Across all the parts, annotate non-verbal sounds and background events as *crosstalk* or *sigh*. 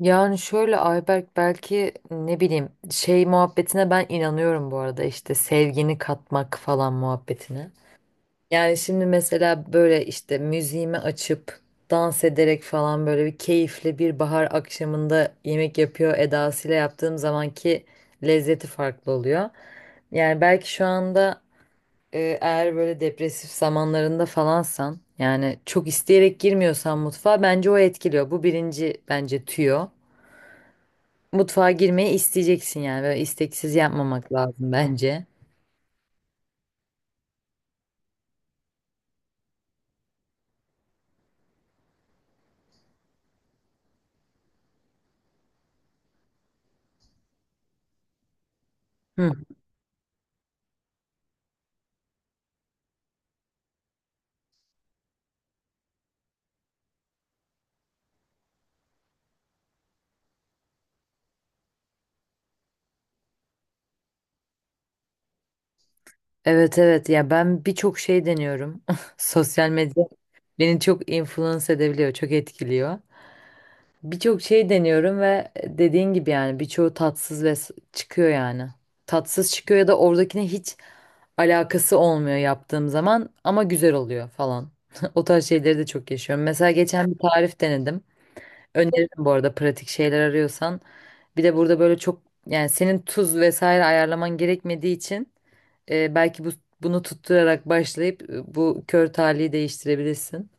Yani şöyle Ayberk belki ne bileyim şey muhabbetine ben inanıyorum bu arada işte sevgini katmak falan muhabbetine. Yani şimdi mesela böyle işte müziğimi açıp dans ederek falan böyle bir keyifli bir bahar akşamında yemek yapıyor edasıyla yaptığım zamanki lezzeti farklı oluyor. Yani belki şu anda eğer böyle depresif zamanlarında falansan yani çok isteyerek girmiyorsan mutfağa bence o etkiliyor. Bu birinci bence tüyo. Mutfağa girmeyi isteyeceksin yani. Böyle isteksiz yapmamak lazım bence. Hı. Evet evet ya ben birçok şey deniyorum. *laughs* Sosyal medya beni çok influence edebiliyor, çok etkiliyor. Birçok şey deniyorum ve dediğin gibi yani birçoğu tatsız ve çıkıyor yani. Tatsız çıkıyor ya da oradakine hiç alakası olmuyor yaptığım zaman ama güzel oluyor falan. *laughs* O tarz şeyleri de çok yaşıyorum. Mesela geçen bir tarif denedim. Öneririm bu arada pratik şeyler arıyorsan. Bir de burada böyle çok yani senin tuz vesaire ayarlaman gerekmediği için belki bu bunu tutturarak başlayıp bu kör talihi değiştirebilirsin.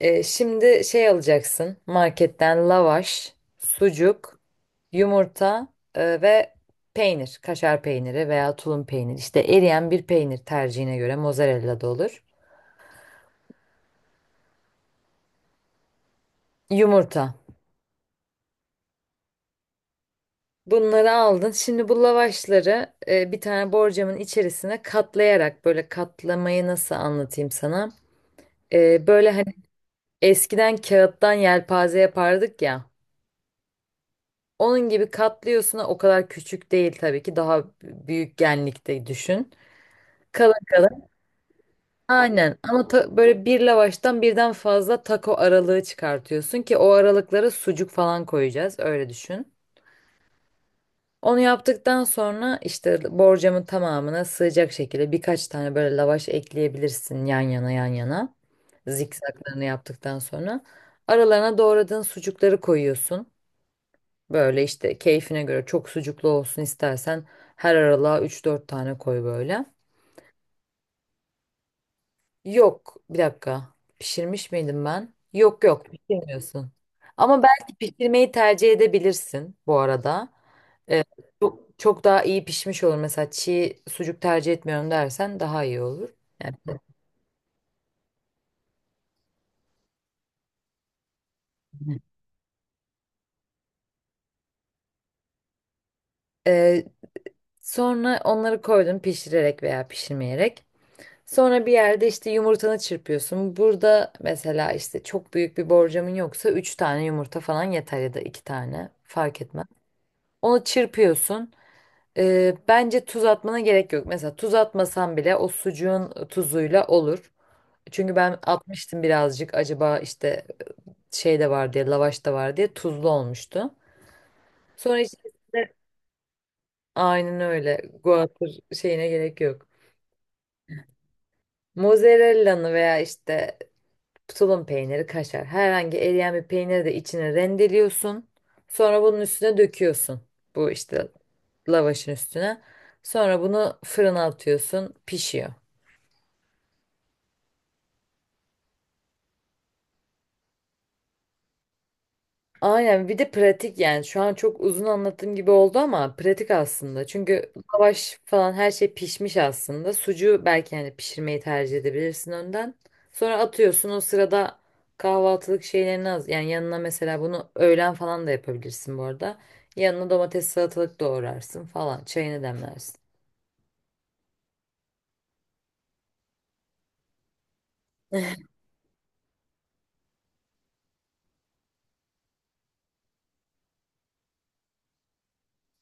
Şimdi şey alacaksın marketten lavaş, sucuk, yumurta ve peynir, kaşar peyniri veya tulum peyniri. İşte eriyen bir peynir tercihine göre mozzarella da olur. Yumurta. Bunları aldın. Şimdi bu lavaşları bir tane borcamın içerisine katlayarak böyle katlamayı nasıl anlatayım sana? Böyle hani eskiden kağıttan yelpaze yapardık ya. Onun gibi katlıyorsun. O kadar küçük değil tabii ki. Daha büyük genlikte düşün. Kalın kalın. Aynen. Ama böyle bir lavaştan birden fazla taco aralığı çıkartıyorsun ki o aralıklara sucuk falan koyacağız. Öyle düşün. Onu yaptıktan sonra işte borcamın tamamına sığacak şekilde birkaç tane böyle lavaş ekleyebilirsin yan yana yan yana. Zikzaklarını yaptıktan sonra aralarına doğradığın sucukları koyuyorsun. Böyle işte keyfine göre çok sucuklu olsun istersen her aralığa üç dört tane koy böyle. Yok bir dakika pişirmiş miydim ben? Yok yok pişirmiyorsun. Ama belki pişirmeyi tercih edebilirsin bu arada. Ee, çok, çok daha iyi pişmiş olur. Mesela çiğ sucuk tercih etmiyorum dersen daha iyi olur. Yani. Ee, sonra onları koydun pişirerek veya pişirmeyerek. Sonra bir yerde işte yumurtanı çırpıyorsun. Burada mesela işte çok büyük bir borcamın yoksa 3 tane yumurta falan yeter ya da 2 tane fark etmez. Onu çırpıyorsun. Bence tuz atmana gerek yok. Mesela tuz atmasan bile o sucuğun tuzuyla olur. Çünkü ben atmıştım birazcık acaba işte şey de var diye, lavaş da var diye tuzlu olmuştu. Sonra içerisinde aynen öyle guatr şeyine gerek yok. Mozzarella'nı veya işte tulum peyniri, kaşar herhangi eriyen bir peyniri de içine rendeliyorsun. Sonra bunun üstüne döküyorsun. Bu işte lavaşın üstüne. Sonra bunu fırına atıyorsun, pişiyor. Aynen bir de pratik yani şu an çok uzun anlattığım gibi oldu ama pratik aslında. Çünkü lavaş falan her şey pişmiş aslında. Sucuğu belki hani pişirmeyi tercih edebilirsin önden. Sonra atıyorsun o sırada kahvaltılık şeylerini az yani yanına mesela bunu öğlen falan da yapabilirsin bu arada. Yanına domates salatalık doğrarsın falan çayını demlersin. *laughs*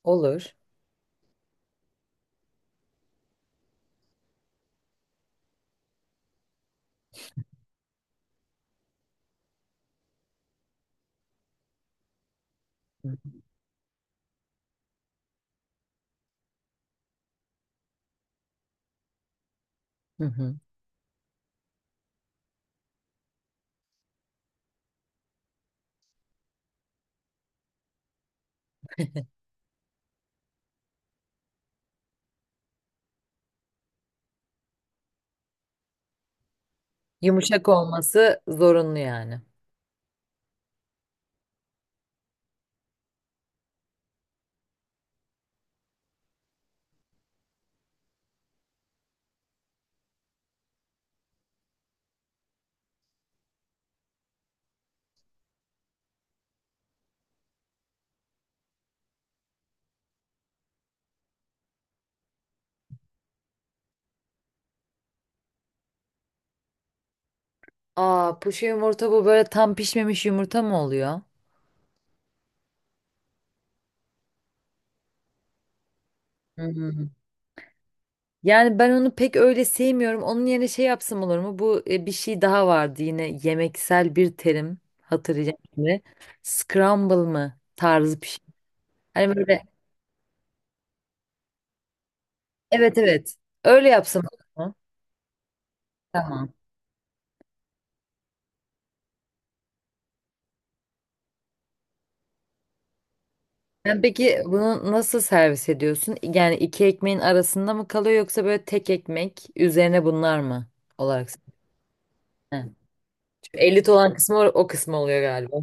Olur. Hı hı. Yumuşak olması zorunlu yani. Aa puşu yumurta bu böyle tam pişmemiş yumurta mı oluyor? Hı hı. Yani ben onu pek öyle sevmiyorum. Onun yerine şey yapsam olur mu? Bu bir şey daha vardı yine yemeksel bir terim hatırlayacağım şimdi. Scramble mı tarzı bir şey. Hani böyle evet evet öyle yapsam olur mu? Tamam. Yani peki bunu nasıl servis ediyorsun? Yani iki ekmeğin arasında mı kalıyor yoksa böyle tek ekmek üzerine bunlar mı olarak? He. Şu elit olan kısmı o, o kısmı oluyor galiba.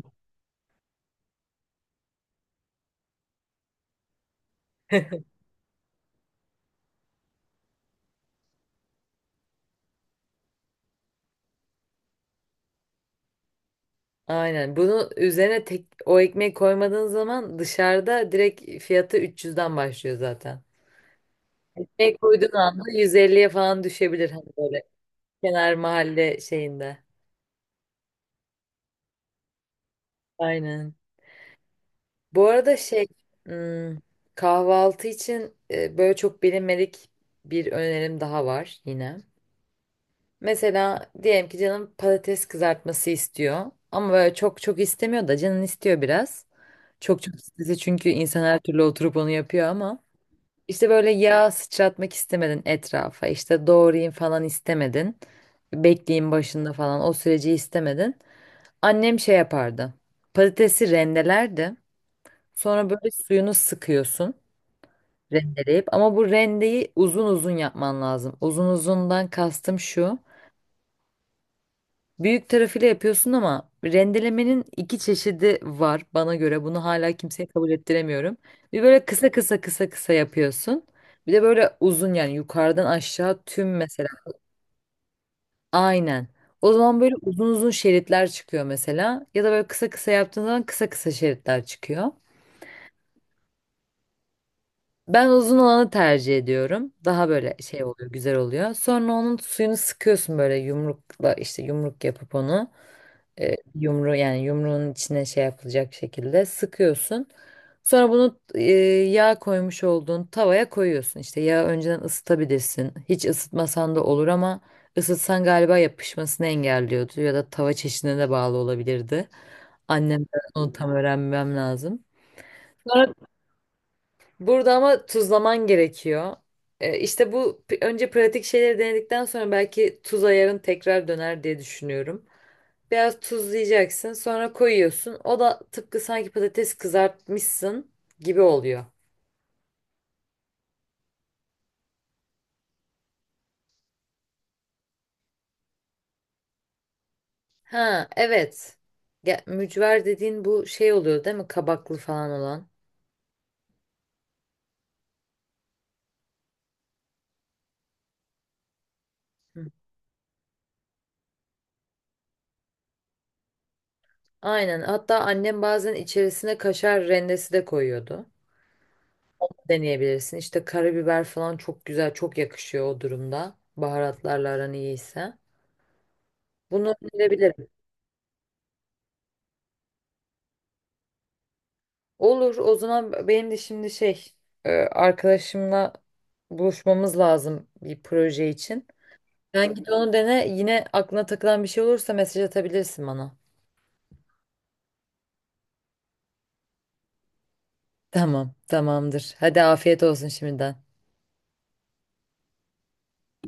Aynen. Bunu üzerine tek o ekmeği koymadığın zaman dışarıda direkt fiyatı 300'den başlıyor zaten. Ekmek koyduğun anda 150'ye falan düşebilir hani böyle kenar mahalle şeyinde. Aynen. Bu arada şey hmm, kahvaltı için böyle çok bilinmedik bir önerim daha var yine. Mesela diyelim ki canım patates kızartması istiyor ama böyle çok çok istemiyor da canın istiyor biraz. Çok çok istese çünkü insan her türlü oturup onu yapıyor ama. İşte böyle yağ sıçratmak istemedin etrafa. İşte doğrayayım falan istemedin. Bekleyin başında falan o süreci istemedin. Annem şey yapardı. Patatesi rendelerdi. Sonra böyle suyunu sıkıyorsun rendeleyip ama bu rendeyi uzun uzun yapman lazım. Uzun uzundan kastım şu. Büyük tarafıyla yapıyorsun ama rendelemenin iki çeşidi var bana göre. Bunu hala kimseye kabul ettiremiyorum. Bir böyle kısa kısa kısa kısa yapıyorsun. Bir de böyle uzun yani yukarıdan aşağı tüm mesela. Aynen. O zaman böyle uzun uzun şeritler çıkıyor mesela. Ya da böyle kısa kısa yaptığın zaman kısa kısa şeritler çıkıyor. Ben uzun olanı tercih ediyorum. Daha böyle şey oluyor, güzel oluyor. Sonra onun suyunu sıkıyorsun böyle yumrukla işte yumruk yapıp onu yumru yani yumruğun içine şey yapılacak şekilde sıkıyorsun. Sonra bunu yağ koymuş olduğun tavaya koyuyorsun. İşte yağı önceden ısıtabilirsin. Hiç ısıtmasan da olur ama ısıtsan galiba yapışmasını engelliyordu ya da tava çeşidine de bağlı olabilirdi. Annemden onu tam öğrenmem lazım. Sonra burada ama tuzlaman gerekiyor. İşte bu önce pratik şeyleri denedikten sonra belki tuz ayarın tekrar döner diye düşünüyorum. Biraz tuzlayacaksın, sonra koyuyorsun. O da tıpkı sanki patates kızartmışsın gibi oluyor. Ha, evet. Ya, mücver dediğin bu şey oluyor değil mi? Kabaklı falan olan. Hı. Aynen. Hatta annem bazen içerisine kaşar rendesi de koyuyordu. Deneyebilirsin. İşte karabiber falan çok güzel, çok yakışıyor o durumda. Baharatlarla aran iyiyse. Bunu önerebilirim. Olur, o zaman benim de şimdi şey, arkadaşımla buluşmamız lazım bir proje için. Sen git onu dene. Yine aklına takılan bir şey olursa mesaj atabilirsin bana. Tamam, tamamdır. Hadi afiyet olsun şimdiden.